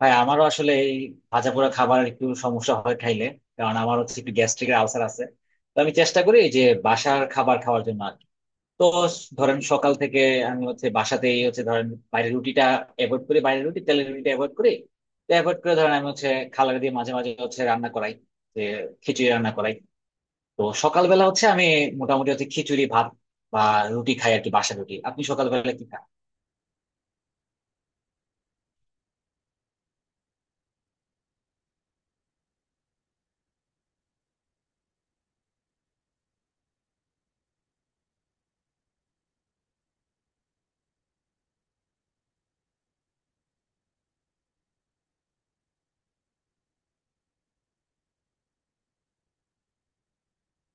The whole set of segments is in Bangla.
ভাই আমারও আসলে এই ভাজা পোড়া খাবার একটু সমস্যা হয় খাইলে। কারণ আমার হচ্ছে একটু গ্যাস্ট্রিকের আলসার আছে, তো আমি চেষ্টা করি যে বাসার খাবার খাওয়ার জন্য আর কি। তো ধরেন সকাল থেকে আমি হচ্ছে বাসাতেই হচ্ছে ধরেন বাইরের রুটিটা অ্যাভয়েড করি, বাইরের রুটি তেলের রুটিটা অ্যাভয়েড করি। তো অ্যাভয়েড করে ধরেন আমি হচ্ছে খালারে দিয়ে মাঝে মাঝে হচ্ছে রান্না করাই, যে খিচুড়ি রান্না করাই। তো সকালবেলা হচ্ছে আমি মোটামুটি হচ্ছে খিচুড়ি ভাত বা রুটি খাই আর কি, বাসার রুটি। আপনি সকালবেলা কি খান?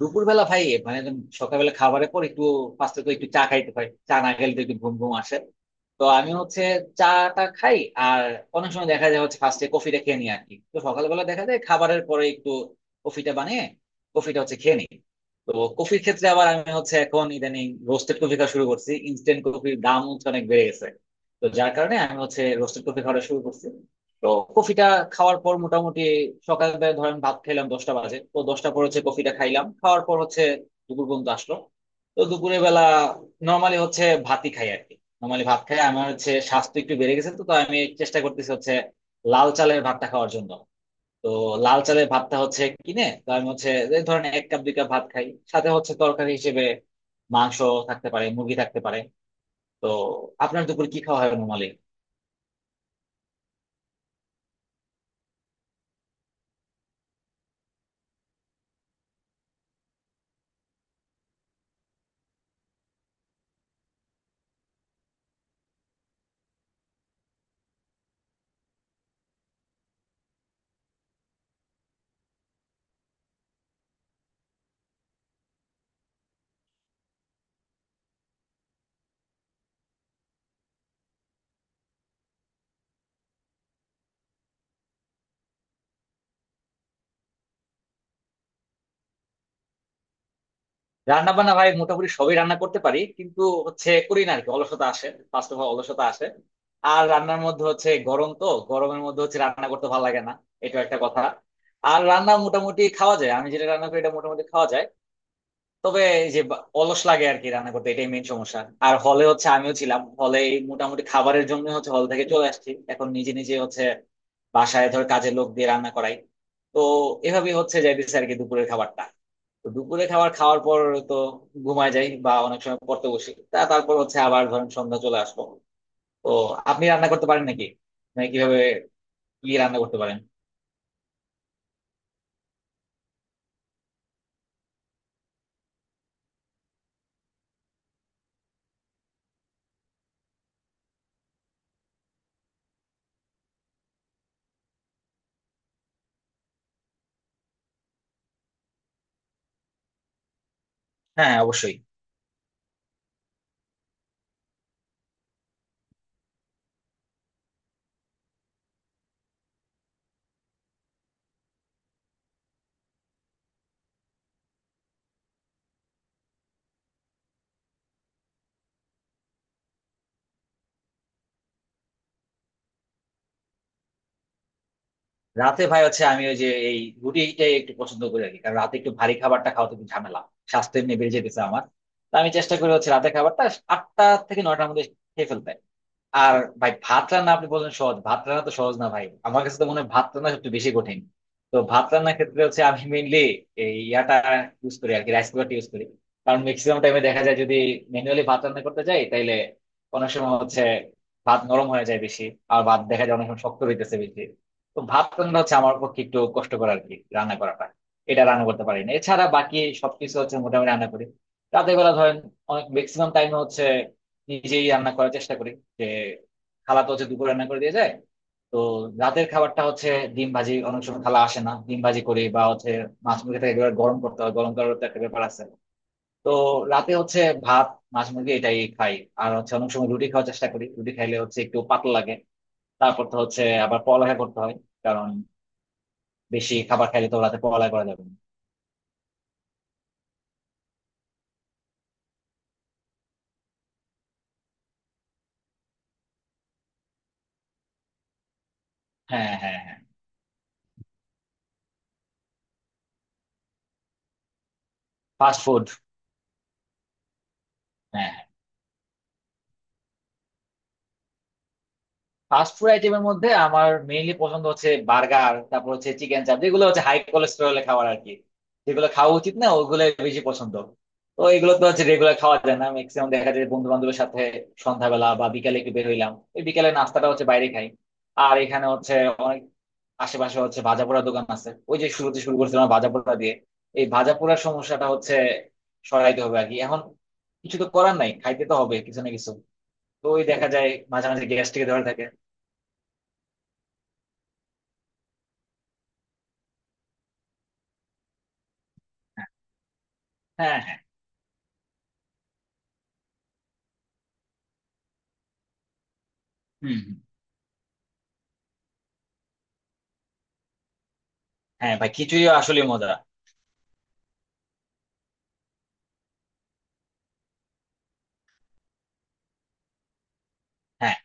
দুপুরবেলা ভাই মানে সকালবেলা খাবারের পর একটু ফার্স্টে তো একটু চা খাইতে হয়, চা না খেলে তো একটু ঘুম ঘুম আসে। তো আমি হচ্ছে চাটা খাই, আর অনেক সময় দেখা যায় হচ্ছে ফার্স্টে কফিটা খেয়ে নিই আর কি। তো সকালবেলা দেখা যায় খাবারের পরে একটু কফিটা বানিয়ে কফিটা হচ্ছে খেয়ে নিই। তো কফির ক্ষেত্রে আবার আমি হচ্ছে এখন ইদানিং রোস্টেড কফি খাওয়া শুরু করছি, ইনস্ট্যান্ট কফির দাম হচ্ছে অনেক বেড়ে গেছে। তো যার কারণে আমি হচ্ছে রোস্টেড কফি খাওয়া শুরু করছি। তো কফিটা খাওয়ার পর মোটামুটি সকালবেলা ধরেন ভাত খাইলাম 10টা বাজে, তো 10টা পর হচ্ছে কফিটা খাইলাম, খাওয়ার পর হচ্ছে দুপুর পর্যন্ত আসলো। তো দুপুরের বেলা নর্মালি হচ্ছে ভাতই খাই আর কি, নর্মালি ভাত খাই। আমার হচ্ছে স্বাস্থ্য একটু বেড়ে গেছে, তো তো আমি চেষ্টা করতেছি হচ্ছে লাল চালের ভাতটা খাওয়ার জন্য। তো লাল চালের ভাতটা হচ্ছে কিনে তো আমি হচ্ছে এই ধরেন এক কাপ দুই কাপ ভাত খাই, সাথে হচ্ছে তরকারি হিসেবে মাংস থাকতে পারে, মুরগি থাকতে পারে। তো আপনার দুপুর কি খাওয়া হয় নর্মালি? রান্না বান্না ভাই মোটামুটি সবই রান্না করতে পারি, কিন্তু হচ্ছে করি না আর কি, অলসতা আসে। ফার্স্ট অফ অল অলসতা আসে, আর রান্নার মধ্যে হচ্ছে গরম, তো গরমের মধ্যে হচ্ছে রান্না করতে ভালো লাগে না, এটা একটা কথা। আর রান্না মোটামুটি খাওয়া যায়, আমি যেটা রান্না করি এটা মোটামুটি খাওয়া যায়। তবে এই যে অলস লাগে আর কি রান্না করতে, এটাই মেইন সমস্যা। আর হলে হচ্ছে আমিও ছিলাম হলে, মোটামুটি খাবারের জন্য হচ্ছে হল থেকে চলে আসছি, এখন নিজে নিজে হচ্ছে বাসায় ধর কাজের লোক দিয়ে রান্না করাই। তো এভাবেই হচ্ছে যাইতেছে আর কি দুপুরের খাবারটা। তো দুপুরে খাবার খাওয়ার পর তো ঘুমায় যাই বা অনেক সময় পড়তে বসি, তা তারপর হচ্ছে আবার ধরেন সন্ধ্যা চলে আসলো। তো আপনি রান্না করতে পারেন নাকি? মানে কিভাবে কি রান্না করতে পারেন? হ্যাঁ অবশ্যই। রাতে ভাই হচ্ছে আমি ওই যে এই রুটিটাই একটু পছন্দ করি আর কি, কারণ রাতে একটু ভারী খাবারটা খাওয়াতে একটু ঝামেলা, স্বাস্থ্য এমনি বেড়ে যেতেছে আমার। তো আমি চেষ্টা করি হচ্ছে রাতে খাবারটা 8টা থেকে 9টার মধ্যে খেয়ে ফেলতে। আর ভাই ভাত রান্না আপনি বললেন সহজ, ভাত রান্না তো সহজ না ভাই, আমার কাছে তো মনে হয় ভাত রান্না সবচেয়ে বেশি কঠিন। তো ভাত রান্নার ক্ষেত্রে হচ্ছে আমি মেইনলি এই ইয়াটা ইউজ করি আর কি, রাইস কুকারটা ইউজ করি। কারণ ম্যাক্সিমাম টাইমে দেখা যায় যদি ম্যানুয়ালি ভাত রান্না করতে যাই তাইলে অনেক সময় হচ্ছে ভাত নরম হয়ে যায় বেশি, আর ভাত দেখা যায় অনেক সময় শক্ত হইতেছে বেশি। তো ভাত রান্না হচ্ছে আমার পক্ষে একটু কষ্টকর আর কি রান্না করাটা, এটা রান্না করতে পারি না। এছাড়া বাকি সবকিছু হচ্ছে মোটামুটি রান্না করি। রাতের বেলা ধরেন অনেক ম্যাক্সিমাম টাইম হচ্ছে নিজেই রান্না করার চেষ্টা করি, যে খালা তো হচ্ছে দুপুর রান্না করে দিয়ে যায়। তো রাতের খাবারটা হচ্ছে ডিম ভাজি, অনেক সময় খালা আসে না, ডিম ভাজি করি, বা হচ্ছে মাছ মুরগি থেকে এবার গরম করতে হয়, গরম করার তো একটা ব্যাপার আছে। তো রাতে হচ্ছে ভাত মাছ মুরগি এটাই খাই, আর হচ্ছে অনেক সময় রুটি খাওয়ার চেষ্টা করি, রুটি খাইলে হচ্ছে একটু পাতলা লাগে। তারপর তো হচ্ছে আবার পড়ালেখা করতে হয়, কারণ বেশি খাবার খাইলে তো রাতে পড়ালেখা করা যাবে না। হ্যাঁ হ্যাঁ হ্যাঁ। Fast food. হ্যাঁ ফাস্ট ফুড আইটেমের মধ্যে আমার মেইনলি পছন্দ হচ্ছে বার্গার, তারপর হচ্ছে চিকেন চাপ, যেগুলো হচ্ছে হাই কোলেস্টেরলের খাবার আর কি, যেগুলো খাওয়া উচিত না ওগুলো বেশি পছন্দ। তো এগুলো তো হচ্ছে রেগুলার খাওয়া যায় না, ম্যাক্সিমাম দেখা যায় বন্ধু বান্ধবের সাথে সন্ধ্যাবেলা বা বিকালে একটু বের হইলাম, এই বিকালে নাস্তাটা হচ্ছে বাইরে খাই। আর এখানে হচ্ছে অনেক আশেপাশে হচ্ছে ভাজা পোড়া দোকান আছে, ওই যে শুরুতে শুরু করছিলাম ভাজা পোড়া দিয়ে। এই ভাজা পোড়ার সমস্যাটা হচ্ছে সরাইতে হবে আর কি এখন, কিছু তো করার নাই, খাইতে তো হবে কিছু না কিছু। তো ওই দেখা যায় মাঝে মাঝে গ্যাস্ট্রিকে ধরে থাকে। হ্যাঁ হ্যাঁ। হুম হুম। হ্যাঁ ভাই খিচুড়ি আসলে মজা। হ্যাঁ।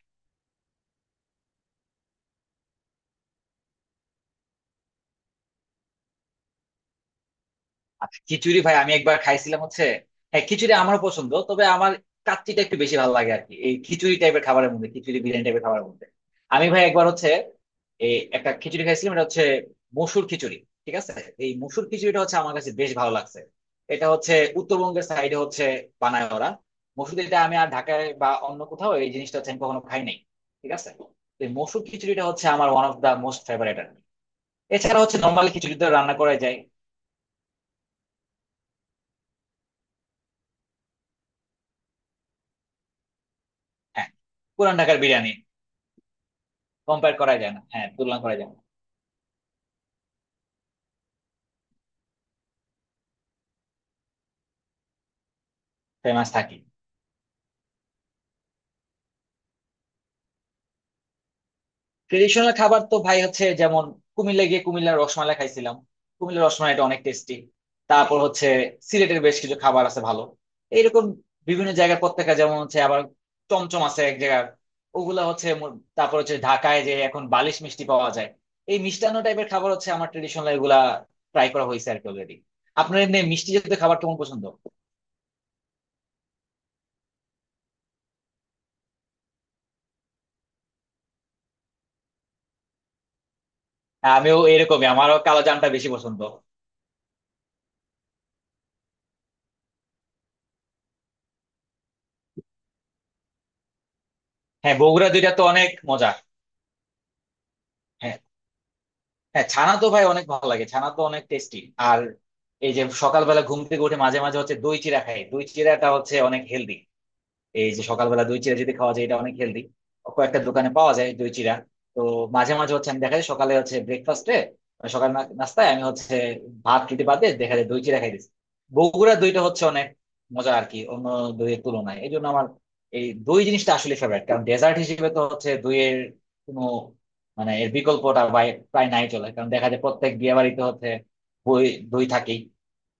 আর খিচুড়ি ভাই আমি একবার খাইছিলাম হচ্ছে। হ্যাঁ খিচুড়ি আমারও পছন্দ, তবে আমার কাচ্চিটা একটু বেশি ভালো লাগে আর কি এই খিচুড়ি টাইপের খাবারের মধ্যে, খিচুড়ি বিরিয়ানি টাইপের খাবারের মধ্যে। আমি ভাই একবার হচ্ছে এই একটা খিচুড়ি খাইছিলাম, এটা হচ্ছে মসুর খিচুড়ি, ঠিক আছে। এই মসুর খিচুড়িটা হচ্ছে আমার কাছে বেশ ভালো লাগছে। এটা হচ্ছে উত্তরবঙ্গের সাইডে হচ্ছে বানায় ওরা মসুর, এটা আমি আর ঢাকায় বা অন্য কোথাও এই জিনিসটা হচ্ছে আমি কখনো খাই নাই, ঠিক আছে। তো এই মসুর খিচুড়িটা হচ্ছে আমার one of the most favourite. এছাড়া হচ্ছে নর্মালি খিচুড়ি তো রান্না করা যায়। হ্যাঁ পুরান ঢাকার বিরিয়ানি কম্পেয়ার করা যায় না, হ্যাঁ তুলনা করা যায় না। ফেমাস থাকি। ট্রেডিশনাল খাবার তো ভাই হচ্ছে যেমন কুমিল্লা গিয়ে কুমিল্লার রসমালাই খাইছিলাম, কুমিল্লার রসমালাইটা অনেক টেস্টি। তারপর হচ্ছে সিলেটের বেশ কিছু খাবার আছে ভালো, এইরকম বিভিন্ন জায়গার প্রত্যেকটা, যেমন হচ্ছে আবার চমচম আছে এক জায়গার। ওগুলা হচ্ছে তারপর হচ্ছে ঢাকায় যে এখন বালিশ মিষ্টি পাওয়া যায়। এই মিষ্টান্ন টাইপের খাবার হচ্ছে আমার ট্রেডিশনাল, এগুলা ট্রাই করা হয়েছে আর কি অলরেডি। আপনার এমনি মিষ্টি জাতীয় খাবার কেমন পছন্দ? হ্যাঁ, আমিও এরকমই, আমারও কালো জামটা বেশি পছন্দ। হ্যাঁ বগুড়া দুইটা তো অনেক মজা। হ্যাঁ হ্যাঁ ছানা তো ভাই অনেক ভালো লাগে, ছানা তো অনেক টেস্টি। আর এই যে সকালবেলা ঘুম থেকে উঠে মাঝে মাঝে হচ্ছে দই চিড়া খাই, দই চিড়াটা হচ্ছে অনেক হেলদি। এই যে সকালবেলা দই চিড়া যদি খাওয়া যায় এটা অনেক হেলদি, কয়েকটা দোকানে পাওয়া যায় দই চিড়া। তো মাঝে মাঝে হচ্ছে আমি দেখা যায় সকালে হচ্ছে ব্রেকফাস্টে, সকাল নাস্তায় আমি হচ্ছে ভাত রুটি বাদে দেখা যায় দই চিড়া খাই দিচ্ছি। বগুড়ার দইটা হচ্ছে অনেক মজা আর কি অন্য দইয়ের তুলনায়, এই জন্য আমার এই দই জিনিসটা আসলে ফেভারিট। কারণ ডেজার্ট হিসেবে তো হচ্ছে দইয়ের কোনো মানে এর বিকল্পটা প্রায় নাই চলে, কারণ দেখা যায় প্রত্যেক বিয়ে বাড়িতে হচ্ছে বই দই থাকেই,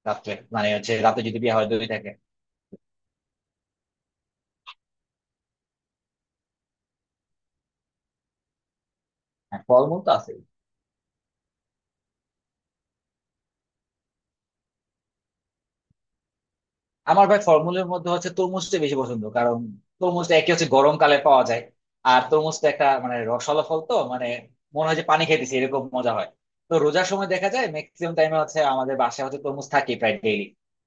রাত্রে মানে হচ্ছে রাতে যদি বিয়ে হয় দই থাকে। হ্যাঁ ফলমূল তো আছে। আমার ভাই ফলমূলের মধ্যে হচ্ছে তরমুজটা বেশি পছন্দ, কারণ তরমুজটা একে হচ্ছে গরমকালে পাওয়া যায়, আর তরমুজটা একটা মানে রসালো ফল, তো মানে মনে হয় যে পানি খাইতেছি এরকম মজা হয়। তো রোজার সময় দেখা যায় ম্যাক্সিমাম টাইমে হচ্ছে আমাদের বাসায় হচ্ছে তরমুজ থাকে প্রায় ডেইলি।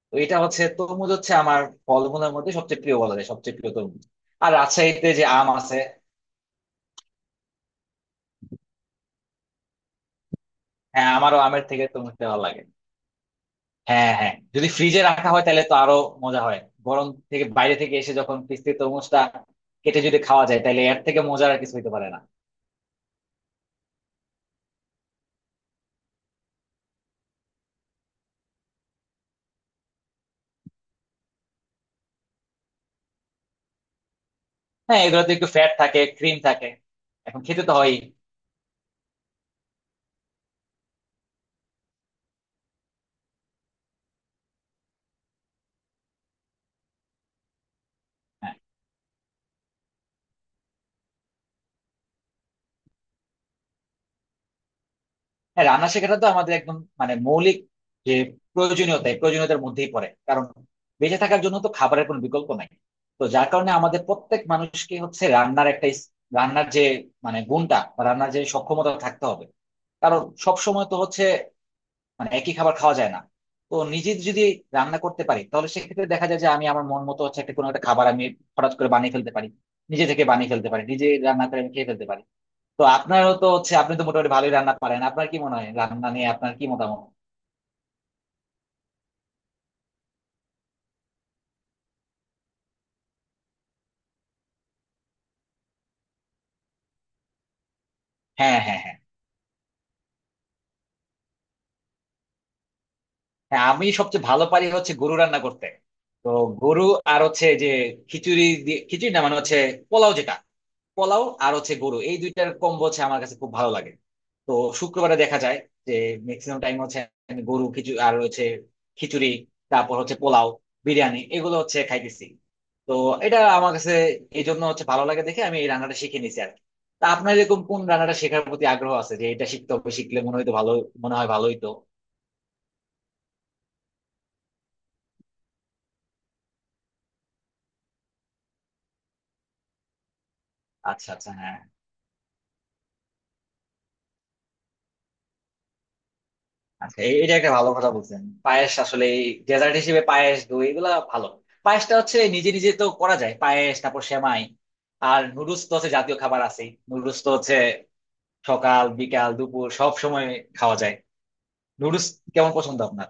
তো এটা হচ্ছে তরমুজ হচ্ছে আমার ফলমূলের মধ্যে সবচেয়ে প্রিয় বলা যায়, সবচেয়ে প্রিয় তরমুজ। আর রাজশাহীতে যে আম আছে। হ্যাঁ আমারও আমের থেকে তরমুজটা ভালো লাগে। হ্যাঁ হ্যাঁ যদি ফ্রিজে রাখা হয় তাহলে তো আরো মজা হয়, গরম থেকে বাইরে থেকে এসে যখন ফ্রিজ তরমুজটা কেটে যদি খাওয়া যায় তাহলে এর থেকে মজার আর কিছু হতে পারে না। হ্যাঁ এগুলোতে একটু ফ্যাট থাকে ক্রিম থাকে, এখন খেতে তো হয়ই। হ্যাঁ। হ্যাঁ রান্না শেখাটা তো আমাদের একদম মানে মৌলিক যে প্রয়োজনীয়তা, এই প্রয়োজনীয়তার মধ্যেই পড়ে, কারণ বেঁচে থাকার জন্য তো খাবারের কোনো বিকল্প নাই। তো যার কারণে আমাদের প্রত্যেক মানুষকে হচ্ছে রান্নার একটা রান্নার যে মানে গুণটা বা রান্নার যে সক্ষমতা থাকতে হবে। কারণ সব সময় তো হচ্ছে মানে একই খাবার খাওয়া যায় না। তো নিজে যদি রান্না করতে পারি তাহলে সেক্ষেত্রে দেখা যায় যে আমি আমার মন মতো হচ্ছে একটা কোনো একটা খাবার আমি হঠাৎ করে বানিয়ে ফেলতে পারি, নিজে থেকে বানিয়ে ফেলতে পারি, নিজে রান্না করে আমি খেয়ে ফেলতে পারি। তো আপনারও তো হচ্ছে আপনি তো মোটামুটি ভালোই রান্না পারেন, আপনার কি মনে হয় রান্না নিয়ে আপনার কি মতামত? হ্যাঁ হ্যাঁ হ্যাঁ। হ্যাঁ আমি সবচেয়ে ভালো পারি হচ্ছে গরু রান্না করতে। তো গরু আর হচ্ছে যে খিচুড়ি দিয়ে খিচুড়ি না মানে হচ্ছে পোলাও, যেটা পোলাও আর হচ্ছে গরু, এই দুইটার কম্বো হচ্ছে আমার কাছে খুব ভালো লাগে। তো শুক্রবারে দেখা যায় যে ম্যাক্সিমাম টাইম হচ্ছে আমি গরু খিচুড়ি আর হচ্ছে খিচুড়ি, তারপর হচ্ছে পোলাও বিরিয়ানি, এগুলো হচ্ছে খাইতেছি। তো এটা আমার কাছে এই জন্য হচ্ছে ভালো লাগে দেখে আমি এই রান্নাটা শিখে নিছি আর কি। তা আপনার এরকম কোন রান্নাটা শেখার প্রতি আগ্রহ আছে যে এটা শিখতে হবে, শিখলে মনে হয়তো ভালো, মনে হয় ভালোই তো। আচ্ছা আচ্ছা হ্যাঁ। আচ্ছা এটা একটা ভালো কথা বলছেন, পায়েস আসলে ডেজার্ট হিসেবে পায়েস দই এগুলা ভালো। পায়েসটা হচ্ছে নিজে নিজে তো করা যায়, পায়েস তারপর সেমাই। আর নুডলস তো হচ্ছে জাতীয় খাবার আছে, নুডলস তো হচ্ছে সকাল বিকাল দুপুর সব সময় খাওয়া যায়। নুডলস কেমন পছন্দ আপনার?